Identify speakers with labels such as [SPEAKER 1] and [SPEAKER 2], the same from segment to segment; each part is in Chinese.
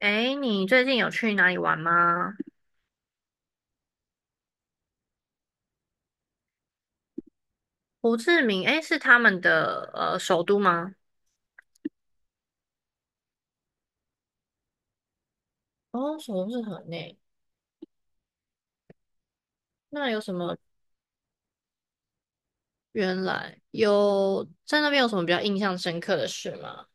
[SPEAKER 1] 诶，你最近有去哪里玩吗？胡志明，诶，是他们的首都吗？哦，首都是河内。那有什么？原来有在那边有什么比较印象深刻的事吗？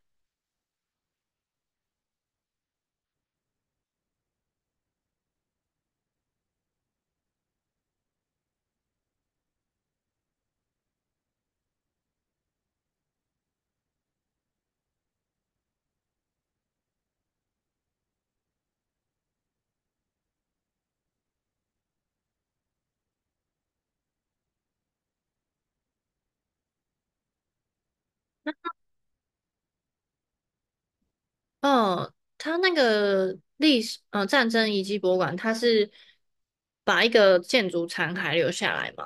[SPEAKER 1] 嗯，他那个历史，战争遗迹博物馆，它是把一个建筑残骸留下来吗？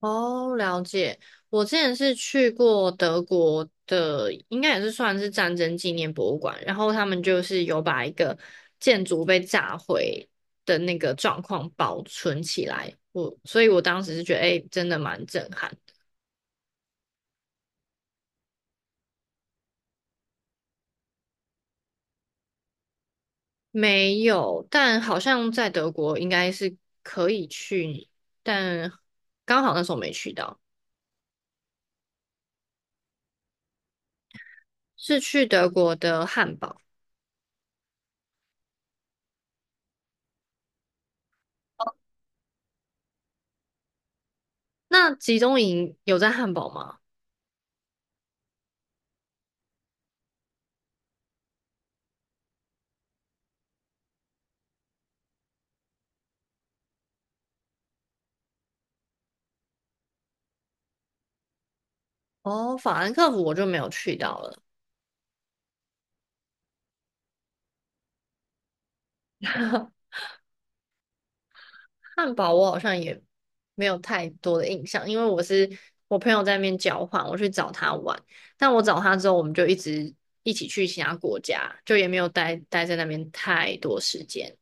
[SPEAKER 1] 哦，了解。我之前是去过德国的，应该也是算是战争纪念博物馆，然后他们就是有把一个建筑被炸毁的那个状况保存起来。所以我当时是觉得，哎、真的蛮震撼。没有，但好像在德国应该是可以去，但刚好那时候没去到，是去德国的汉堡。那集中营有在汉堡吗？哦，法兰克福我就没有去到了。汉堡我好像也没有太多的印象，因为我朋友在那边交换，我去找他玩。但我找他之后，我们就一直一起去其他国家，就也没有待在那边太多时间。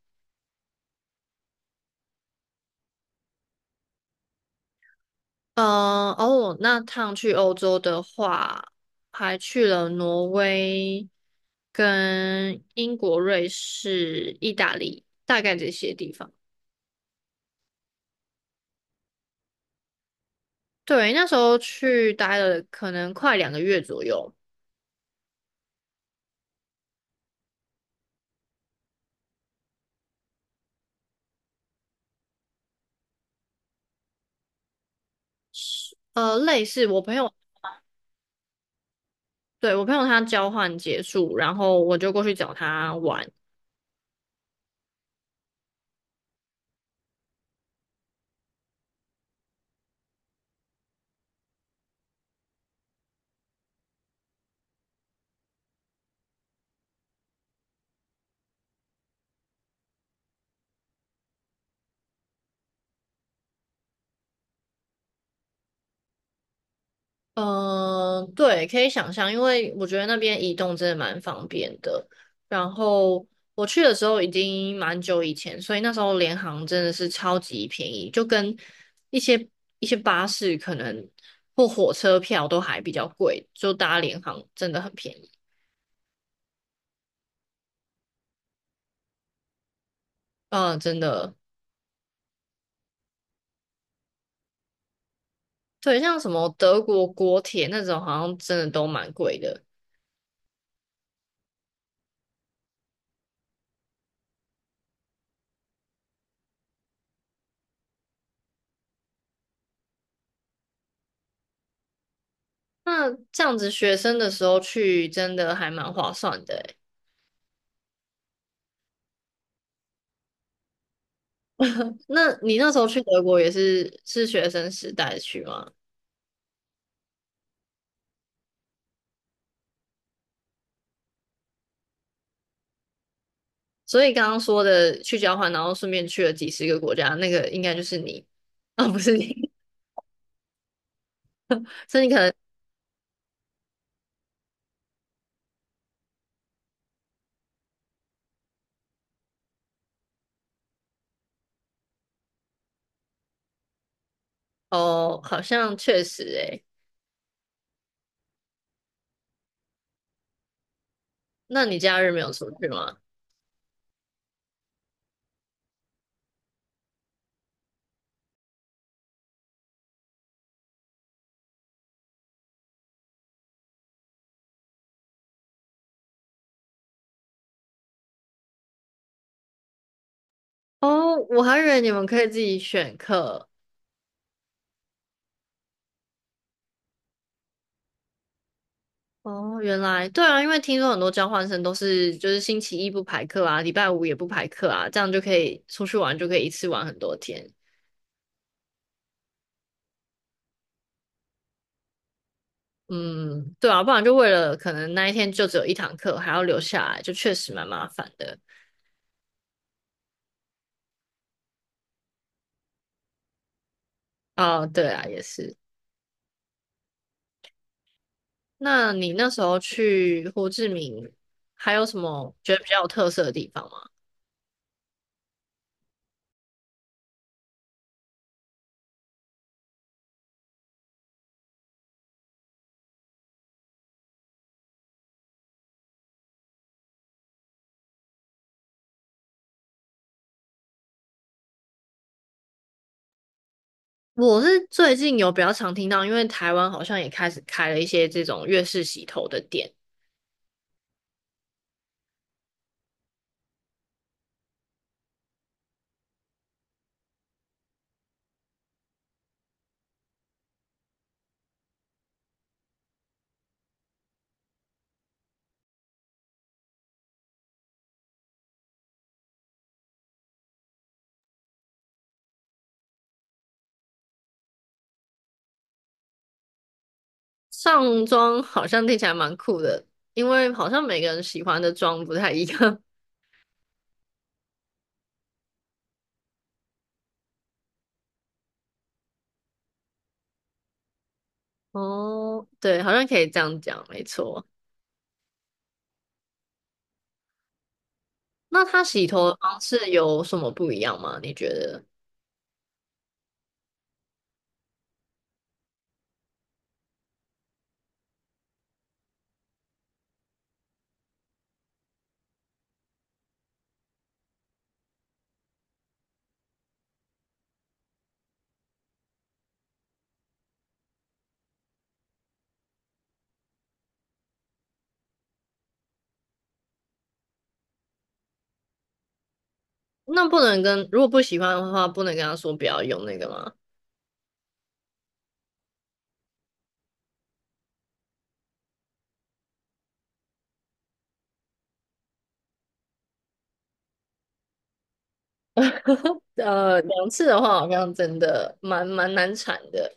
[SPEAKER 1] 嗯，哦，那趟去欧洲的话，还去了挪威、跟英国、瑞士、意大利，大概这些地方。对，那时候去待了可能快两个月左右。呃，类似我朋友对，我朋友他交换结束，然后我就过去找他玩。嗯、对，可以想象，因为我觉得那边移动真的蛮方便的。然后我去的时候已经蛮久以前，所以那时候联航真的是超级便宜，就跟一些一些巴士可能或火车票都还比较贵，就搭联航真的很便宜。嗯、真的，对，像什么德国国铁那种好像真的都蛮贵的。那这样子学生的时候去真的还蛮划算的诶。那你那时候去德国也是学生时代去吗？所以刚刚说的去交换，然后顺便去了几十个国家，那个应该就是你啊，不是你，所以你可能哦，好像确实诶。那你假日没有出去吗？哦，我还以为你们可以自己选课。哦，原来对啊，因为听说很多交换生都是就是星期一不排课啊，礼拜五也不排课啊，这样就可以出去玩，就可以一次玩很多天。嗯，对啊，不然就为了可能那一天就只有一堂课，还要留下来，就确实蛮麻烦的。哦，对啊，也是。那你那时候去胡志明，还有什么觉得比较有特色的地方吗？我是最近有比较常听到，因为台湾好像也开始开了一些这种粤式洗头的店，上妆好像听起来蛮酷的，因为好像每个人喜欢的妆不太一样。哦，对，好像可以这样讲，没错。那他洗头的方式有什么不一样吗？你觉得？那不能跟，如果不喜欢的话，不能跟他说不要用那个吗？两次的话好像真的蛮难产的，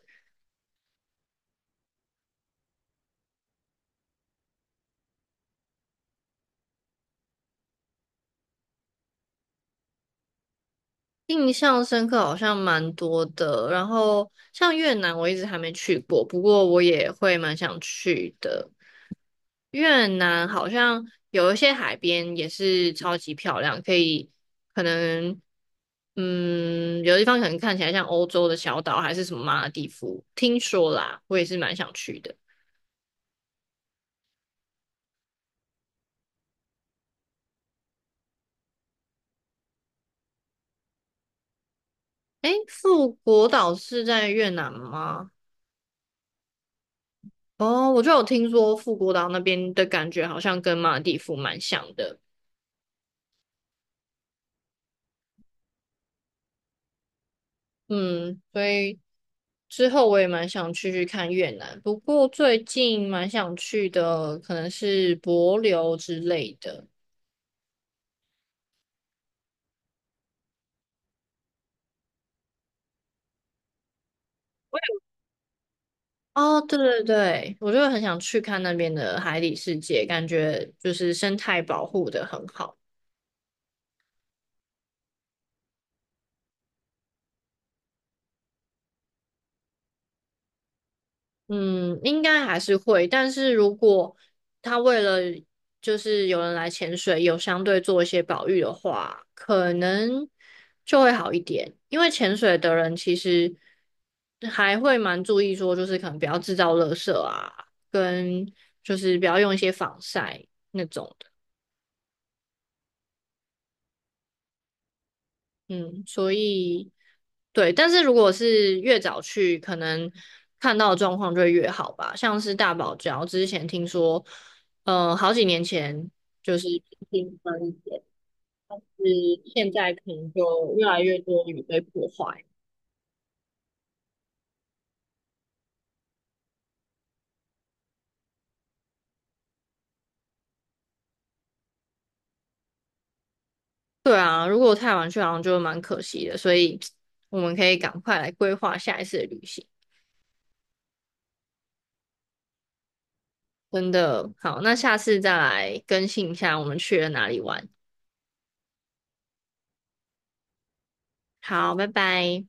[SPEAKER 1] 印象深刻好像蛮多的。然后像越南，我一直还没去过，不过我也会蛮想去的。越南好像有一些海边也是超级漂亮，可能有的地方可能看起来像欧洲的小岛，还是什么马尔地夫，听说啦，我也是蛮想去的。诶，富国岛是在越南吗？哦，我就有听说富国岛那边的感觉好像跟马尔地夫蛮像的，嗯，所以之后我也蛮想去看越南，不过最近蛮想去的可能是帛琉之类的。哦，对对对，我就很想去看那边的海底世界，感觉就是生态保护的很好。嗯，应该还是会，但是如果他为了就是有人来潜水，有相对做一些保育的话，可能就会好一点。因为潜水的人其实还会蛮注意说，就是可能不要制造垃圾啊，跟就是不要用一些防晒那种。嗯，所以对，但是如果是越早去，可能看到的状况就会越好吧。像是大堡礁之前听说，好几年前就是平分一点，是现在可能就越来越多鱼被破坏。对啊，如果太晚去，好像就蛮可惜的，所以我们可以赶快来规划下一次的旅行。真的好，那下次再来更新一下我们去了哪里玩。好，拜拜。